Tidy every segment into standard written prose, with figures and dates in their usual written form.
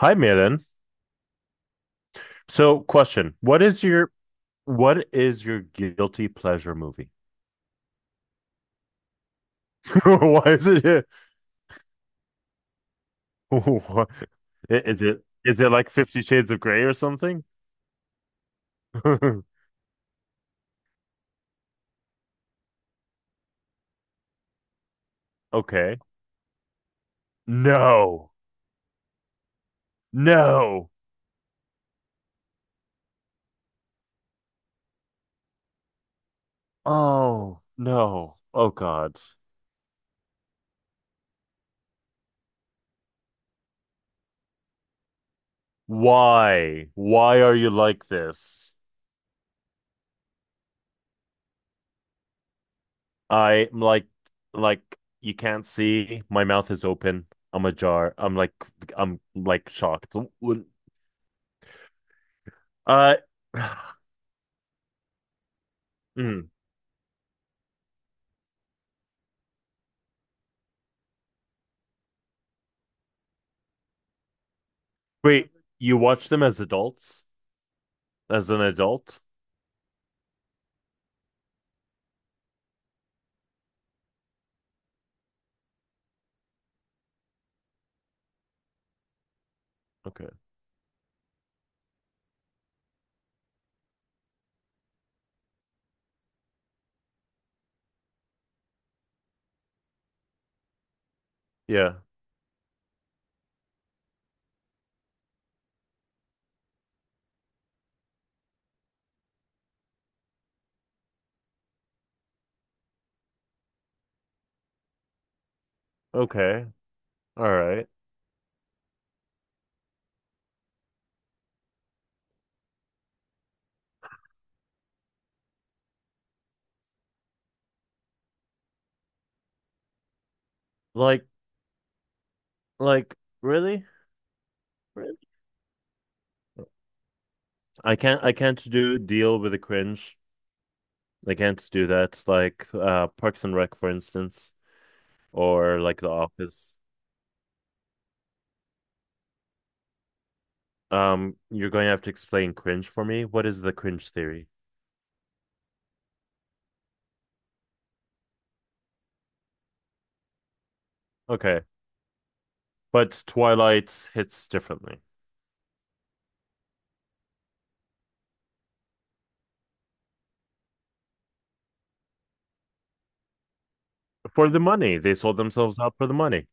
Hi, Miren. So, question: what is your guilty pleasure movie? Why is it? Why- is it like Fifty Shades of Grey or something? Okay. No. No. Oh, no. Oh God. Why? Why are you like this? I'm like, you can't see. My mouth is open. I'm ajar. I'm like shocked. Uh mm. Wait, you watch them as adults? As an adult? Okay. Yeah. Okay. All right. Like, like, really? Really? I can't do deal with the cringe. I can't do that. Like, Parks and Rec, for instance, or like The Office. You're going to have to explain cringe for me. What is the cringe theory? Okay. But Twilight hits differently. For the money. They sold themselves out for the money.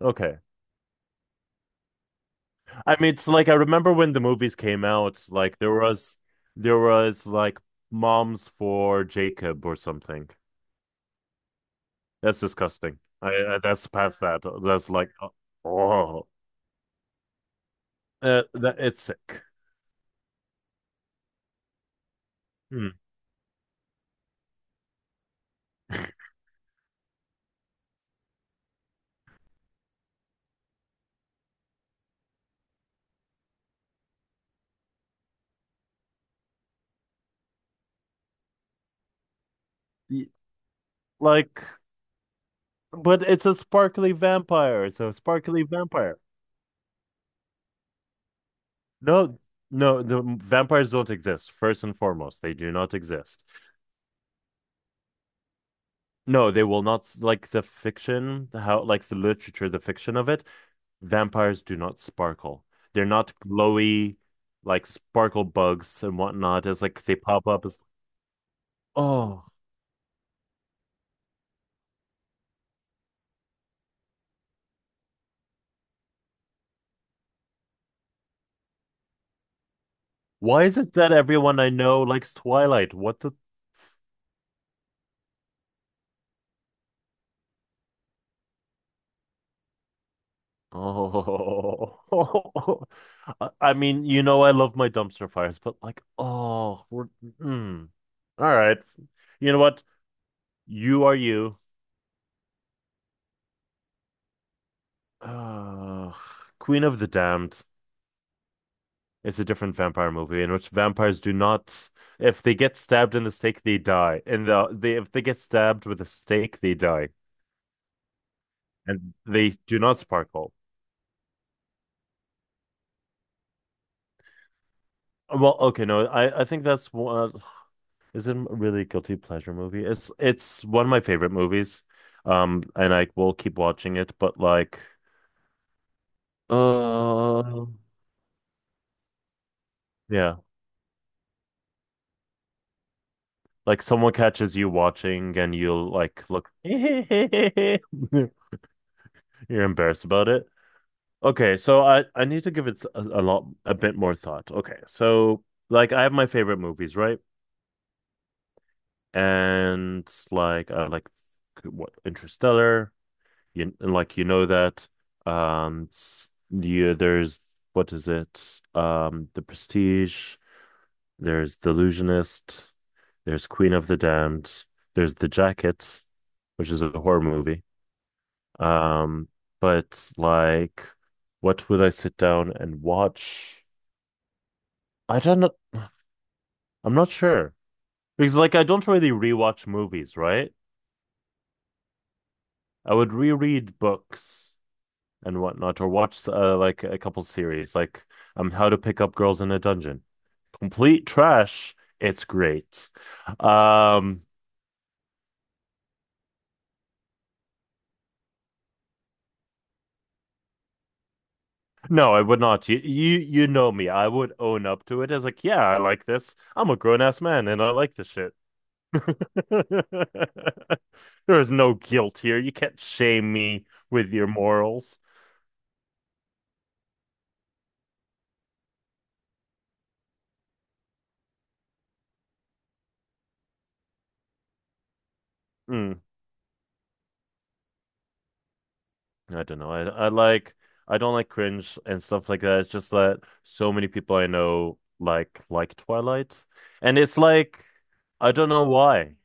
Okay. I mean, it's like I remember when the movies came out, like there was like moms for Jacob or something. That's disgusting. I that's past that. That's like oh, that it's sick. Hmm. Y- Like, but it's a sparkly vampire. It's a sparkly vampire. No, no, the vampires don't exist. First and foremost, they do not exist. No, they will not like the fiction, how like the literature, the fiction of it. Vampires do not sparkle. They're not glowy, like sparkle bugs and whatnot. It's like they pop up as, oh, why is it that everyone I know likes Twilight? What the? Oh, I mean, you know, I love my dumpster fires, but like, oh, we're, mm. All right. You know what? You are you. Uh, Queen of the Damned. It's a different vampire movie in which vampires do not, if they get stabbed in the stake, they die. And the they if they get stabbed with a stake, they die, and they do not sparkle. Well, okay, no, I think that's what is it. Really guilty pleasure movie? It's one of my favorite movies, and I will keep watching it. But like, uh, yeah, like someone catches you watching, and you'll like look, you're embarrassed about it. Okay, so I need to give it a bit more thought. Okay, so like I have my favorite movies, right? And like what Interstellar, like you know that. Yeah, there's what is it? The Prestige. There's The Illusionist. There's Queen of the Damned. There's The Jacket, which is a horror movie. Um, but like, what would I sit down and watch? I don't know. I'm not sure because like I don't really rewatch movies, right? I would reread books and whatnot, or watch like a couple series, like How to Pick Up Girls in a Dungeon. Complete trash. It's great. Um, no, I would not. You know me. I would own up to it as like, yeah, I like this. I'm a grown ass man and I like this shit. There is no guilt here. You can't shame me with your morals. Mm. I don't know. I like I don't like cringe and stuff like that. It's just that so many people I know like Twilight. And it's like I don't know why.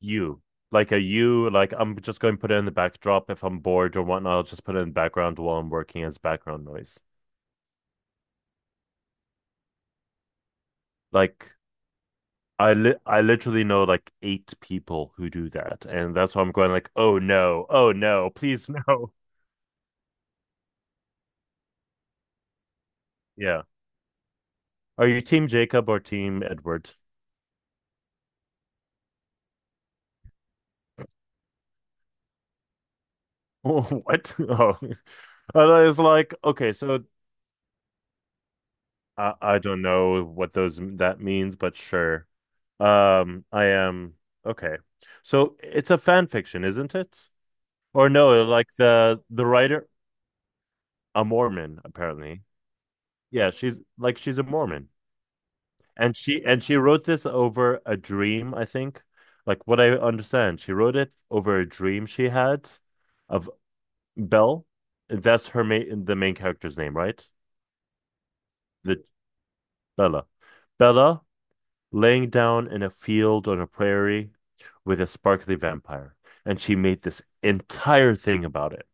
You. Like a you, like I'm just going to put it in the backdrop if I'm bored or whatnot, I'll just put it in the background while I'm working as background noise. Like I literally know like eight people who do that. And that's why I'm going like, oh no, oh no, please no. Yeah. Are you team Jacob or team Edward? What? Oh, I thought it was like, okay, so I don't know what those that means, but sure. I am okay. So it's a fan fiction, isn't it? Or no, like the writer, a Mormon, apparently. Yeah, she's like she's a Mormon. And she wrote this over a dream, I think. Like what I understand, she wrote it over a dream she had of Belle. That's her main the main character's name, right? The Bella. Bella laying down in a field on a prairie with a sparkly vampire, and she made this entire thing about it.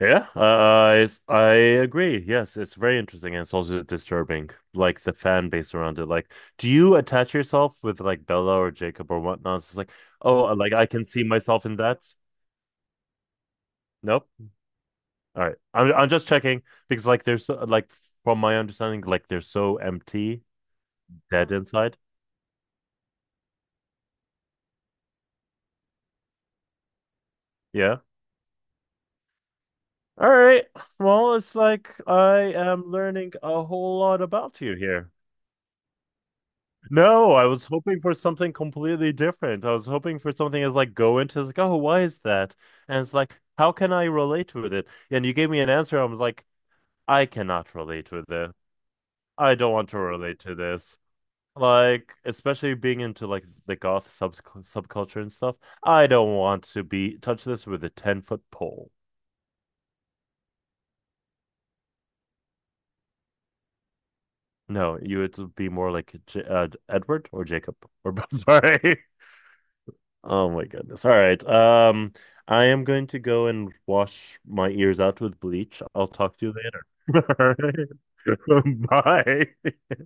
Yeah, I agree. Yes, it's very interesting and it's also disturbing, like the fan base around it. Like, do you attach yourself with like Bella or Jacob or whatnot? It's like, oh, like I can see myself in that. Nope. All right, I'm just checking because like there's so, like from my understanding, like they're so empty, dead inside. Yeah. All right. Well, it's like I am learning a whole lot about you here. No, I was hoping for something completely different. I was hoping for something that's like go into it's like, oh, why is that? And it's like, how can I relate with it? And you gave me an answer. I'm like, I cannot relate with it. I don't want to relate to this. Like, especially being into like the goth subculture and stuff. I don't want to be touch this with a 10-foot pole. No, you would be more like J Edward or Jacob or Sorry. Oh my goodness. All right. I am going to go and wash my ears out with bleach. I'll talk to you later. All right. Bye.